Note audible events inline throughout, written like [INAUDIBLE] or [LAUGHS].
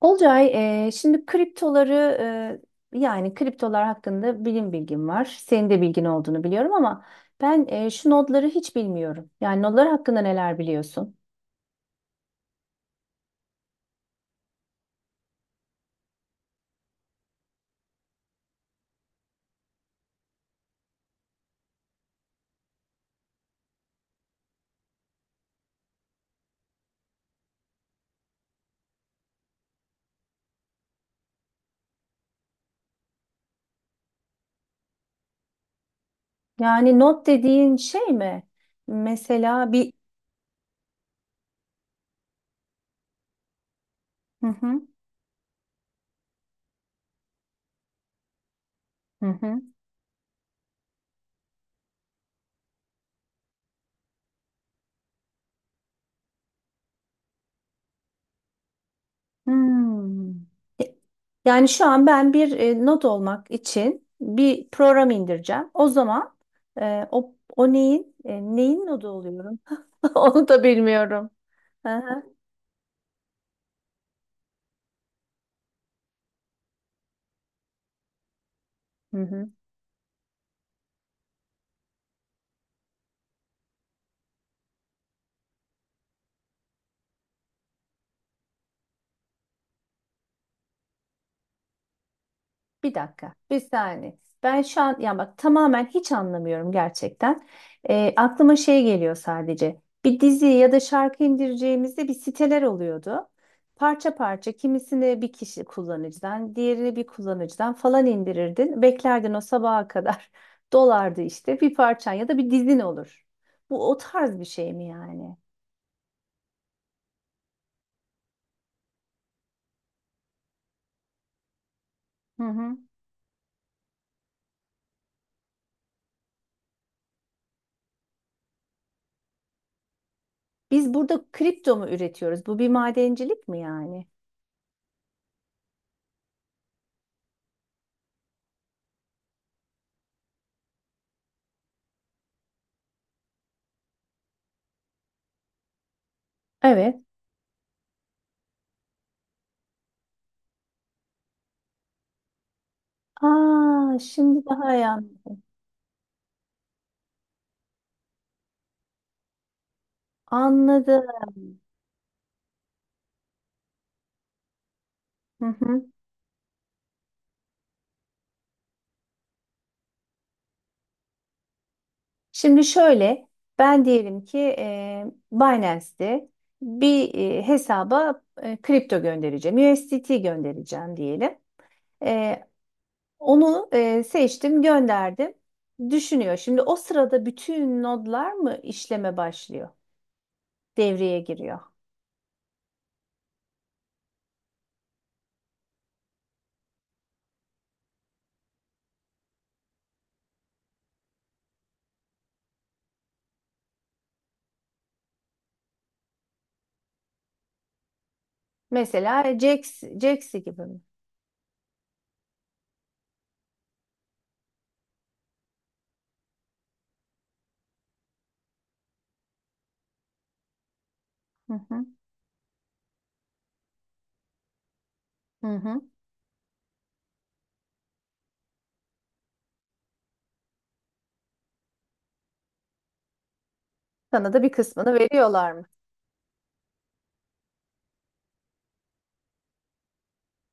Olcay, şimdi kriptoları yani kriptolar hakkında bilgim var. Senin de bilgin olduğunu biliyorum ama ben şu nodları hiç bilmiyorum. Yani nodlar hakkında neler biliyorsun? Yani nod dediğin şey mi? Mesela bir. Hı hı. Hı hı. Hmm. E, Yani şu an ben bir nod olmak için bir program indireceğim. O zaman o neyin neyin nodu oluyorum? [LAUGHS] Onu da bilmiyorum. Hı hı. Hı hı. Bir dakika, bir saniye. Ben şu an ya bak tamamen hiç anlamıyorum gerçekten. Aklıma şey geliyor sadece. Bir dizi ya da şarkı indireceğimizde bir siteler oluyordu. Parça parça kimisini bir kişi kullanıcıdan, diğerini bir kullanıcıdan falan indirirdin. Beklerdin o sabaha kadar. [LAUGHS] Dolardı işte bir parçan ya da bir dizin olur. Bu o tarz bir şey mi yani? Hı hı. Biz burada kripto mu üretiyoruz? Bu bir madencilik mi yani? Evet. Aa, şimdi daha iyi anladım. Hı hı. Şimdi şöyle, ben diyelim ki Binance'de bir hesaba kripto göndereceğim, USDT göndereceğim diyelim. E, onu seçtim, gönderdim. Düşünüyor. Şimdi o sırada bütün nodlar mı işleme başlıyor, devreye giriyor? Mesela Jax'i gibi mi? Hı hı, hı hı. Sana da bir kısmını veriyorlar mı?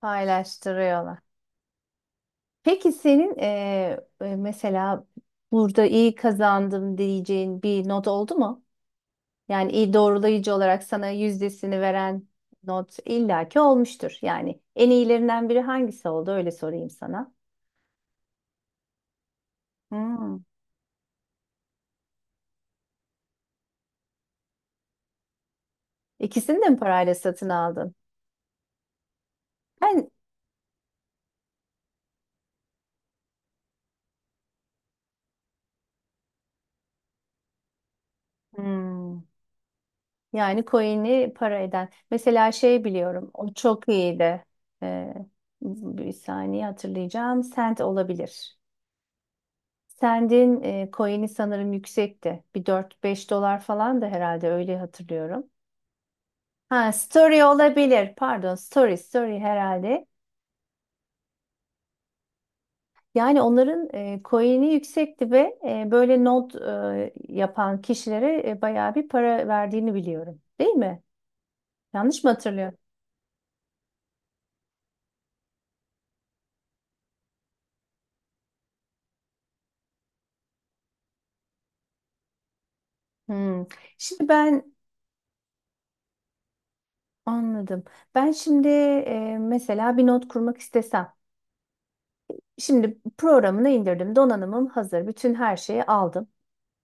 Paylaştırıyorlar. Peki senin mesela burada iyi kazandım diyeceğin bir not oldu mu? Yani iyi doğrulayıcı olarak sana yüzdesini veren not illaki olmuştur. Yani en iyilerinden biri hangisi oldu? Öyle sorayım sana. Hmm. İkisini de mi parayla satın aldın? Ben Hmm. Yani coin'i para eden. Mesela şey biliyorum. O çok iyiydi. Ee, bir saniye hatırlayacağım. Sent olabilir. Send'in coin'i sanırım yüksekti. Bir 4-5 dolar falan da herhalde öyle hatırlıyorum. Ha, story olabilir. Pardon, story herhalde. Yani onların coin'i yüksekti ve böyle not yapan kişilere bayağı bir para verdiğini biliyorum. Değil mi? Yanlış mı hatırlıyorum? Hmm. Şimdi ben Anladım. Ben şimdi mesela bir not kurmak istesem. Şimdi programını indirdim. Donanımım hazır. Bütün her şeyi aldım.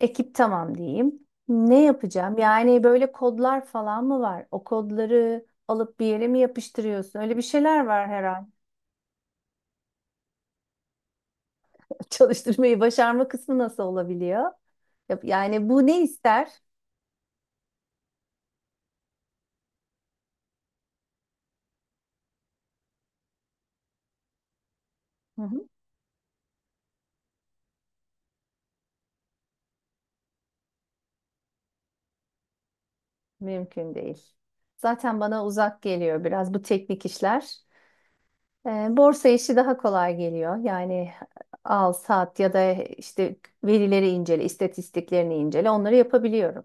Ekip tamam diyeyim. Ne yapacağım? Yani böyle kodlar falan mı var? O kodları alıp bir yere mi yapıştırıyorsun? Öyle bir şeyler var herhalde. [LAUGHS] Çalıştırmayı başarma kısmı nasıl olabiliyor? Yani bu ne ister? Hı hı. Mümkün değil. Zaten bana uzak geliyor biraz bu teknik işler. E, borsa işi daha kolay geliyor. Yani al, sat ya da işte verileri incele, istatistiklerini incele, onları yapabiliyorum.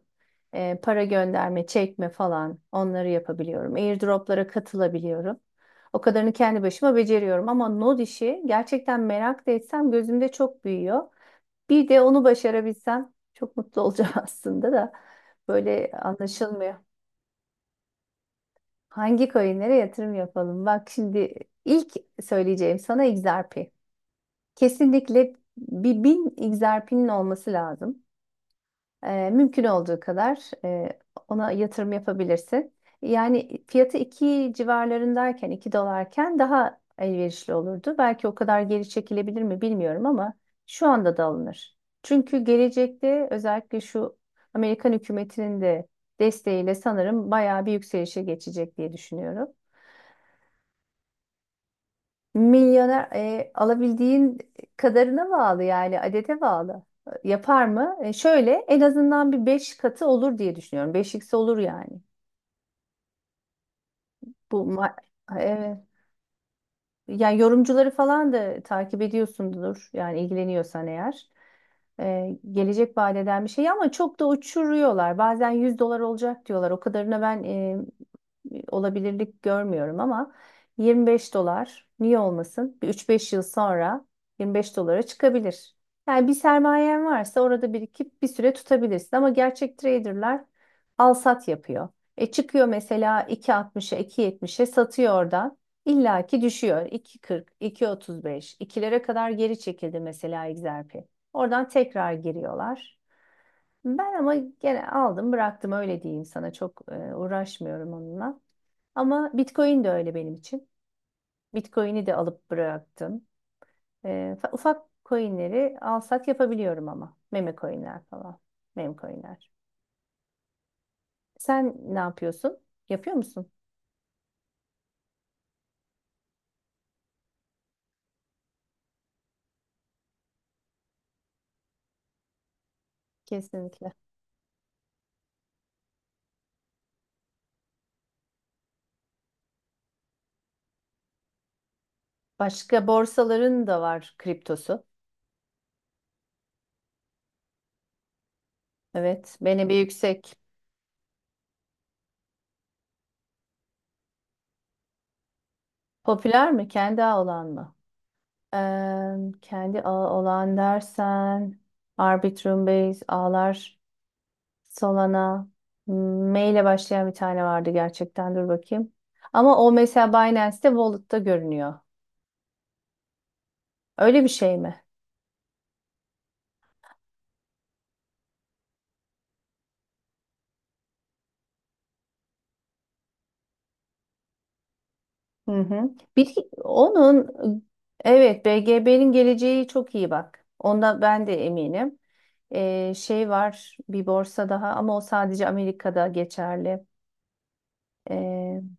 Para gönderme, çekme falan onları yapabiliyorum. Airdroplara katılabiliyorum. O kadarını kendi başıma beceriyorum ama node işi gerçekten merak da etsem gözümde çok büyüyor. Bir de onu başarabilsem çok mutlu olacağım [LAUGHS] aslında da böyle anlaşılmıyor. Hangi coinlere yatırım yapalım? Bak şimdi ilk söyleyeceğim sana XRP. Kesinlikle bir bin egzersizin olması lazım. Mümkün olduğu kadar e, ona yatırım yapabilirsin. Yani fiyatı 2 civarlarındayken, 2 dolarken daha elverişli olurdu. Belki o kadar geri çekilebilir mi bilmiyorum ama şu anda da alınır. Çünkü gelecekte özellikle şu Amerikan hükümetinin de desteğiyle sanırım bayağı bir yükselişe geçecek diye düşünüyorum. Milyoner alabildiğin kadarına bağlı yani adete bağlı. Yapar mı? Şöyle en azından bir 5 katı olur diye düşünüyorum. 5x olur yani. Bu ma- evet. Yani yorumcuları falan da takip ediyorsundur. Yani ilgileniyorsan eğer. Gelecek vaat eden bir şey ama çok da uçuruyorlar. Bazen 100 dolar olacak diyorlar. O kadarına ben olabilirlik görmüyorum ama 25 dolar niye olmasın? Bir 3-5 yıl sonra 25 dolara çıkabilir. Yani bir sermayen varsa orada birikip bir süre tutabilirsin ama gerçek traderlar al sat yapıyor. Çıkıyor mesela 2,60'a 2,70'e satıyor oradan. İlla ki düşüyor. 2,40, 2,35, 2'lere kadar geri çekildi mesela XRP. Oradan tekrar giriyorlar. Ben ama gene aldım bıraktım öyle diyeyim sana çok uğraşmıyorum onunla. Ama Bitcoin de öyle benim için. Bitcoin'i de alıp bıraktım. Ufak coinleri al sat yapabiliyorum ama. Meme coinler falan. Meme coinler. Sen ne yapıyorsun? Yapıyor musun? Kesinlikle. Başka borsaların da var kriptosu. Evet. Beni bir yüksek. Popüler mi? Kendi ağı olan mı? Eee, kendi ağı olan dersen Arbitrum Base ağlar. Solana. M ile başlayan bir tane vardı gerçekten. Dur bakayım. Ama o mesela Binance'te Wallet'ta görünüyor. Öyle bir şey mi? Hı hı. Bir, onun evet BGB'nin geleceği çok iyi bak. Onda ben de eminim. Şey var bir borsa daha ama o sadece Amerika'da geçerli. Ee,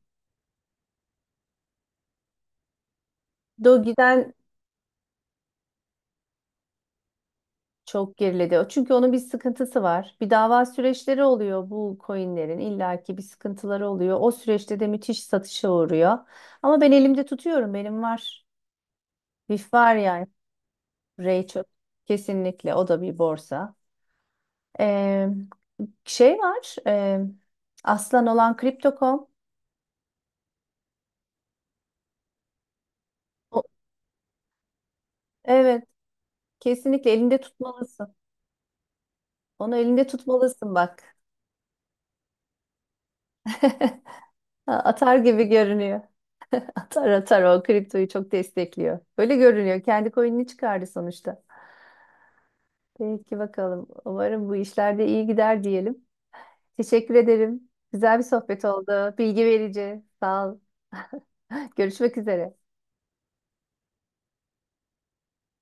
Doge'den çok geriledi. Çünkü onun bir sıkıntısı var. Bir dava süreçleri oluyor bu coinlerin. İllaki bir sıkıntıları oluyor. O süreçte de müthiş satışa uğruyor. Ama ben elimde tutuyorum. Benim var. BIF var yani. Ray çok Kesinlikle. O da bir borsa. Ee, şey var. Aslan olan Crypto.com. O- evet. Kesinlikle elinde tutmalısın. Onu elinde tutmalısın bak. [LAUGHS] Atar gibi görünüyor. Taro kriptoyu çok destekliyor. Böyle görünüyor. Kendi coin'ini çıkardı sonuçta. Peki bakalım. Umarım bu işlerde iyi gider diyelim. Teşekkür ederim. Güzel bir sohbet oldu. Bilgi verici. Sağ ol. [LAUGHS] Görüşmek üzere.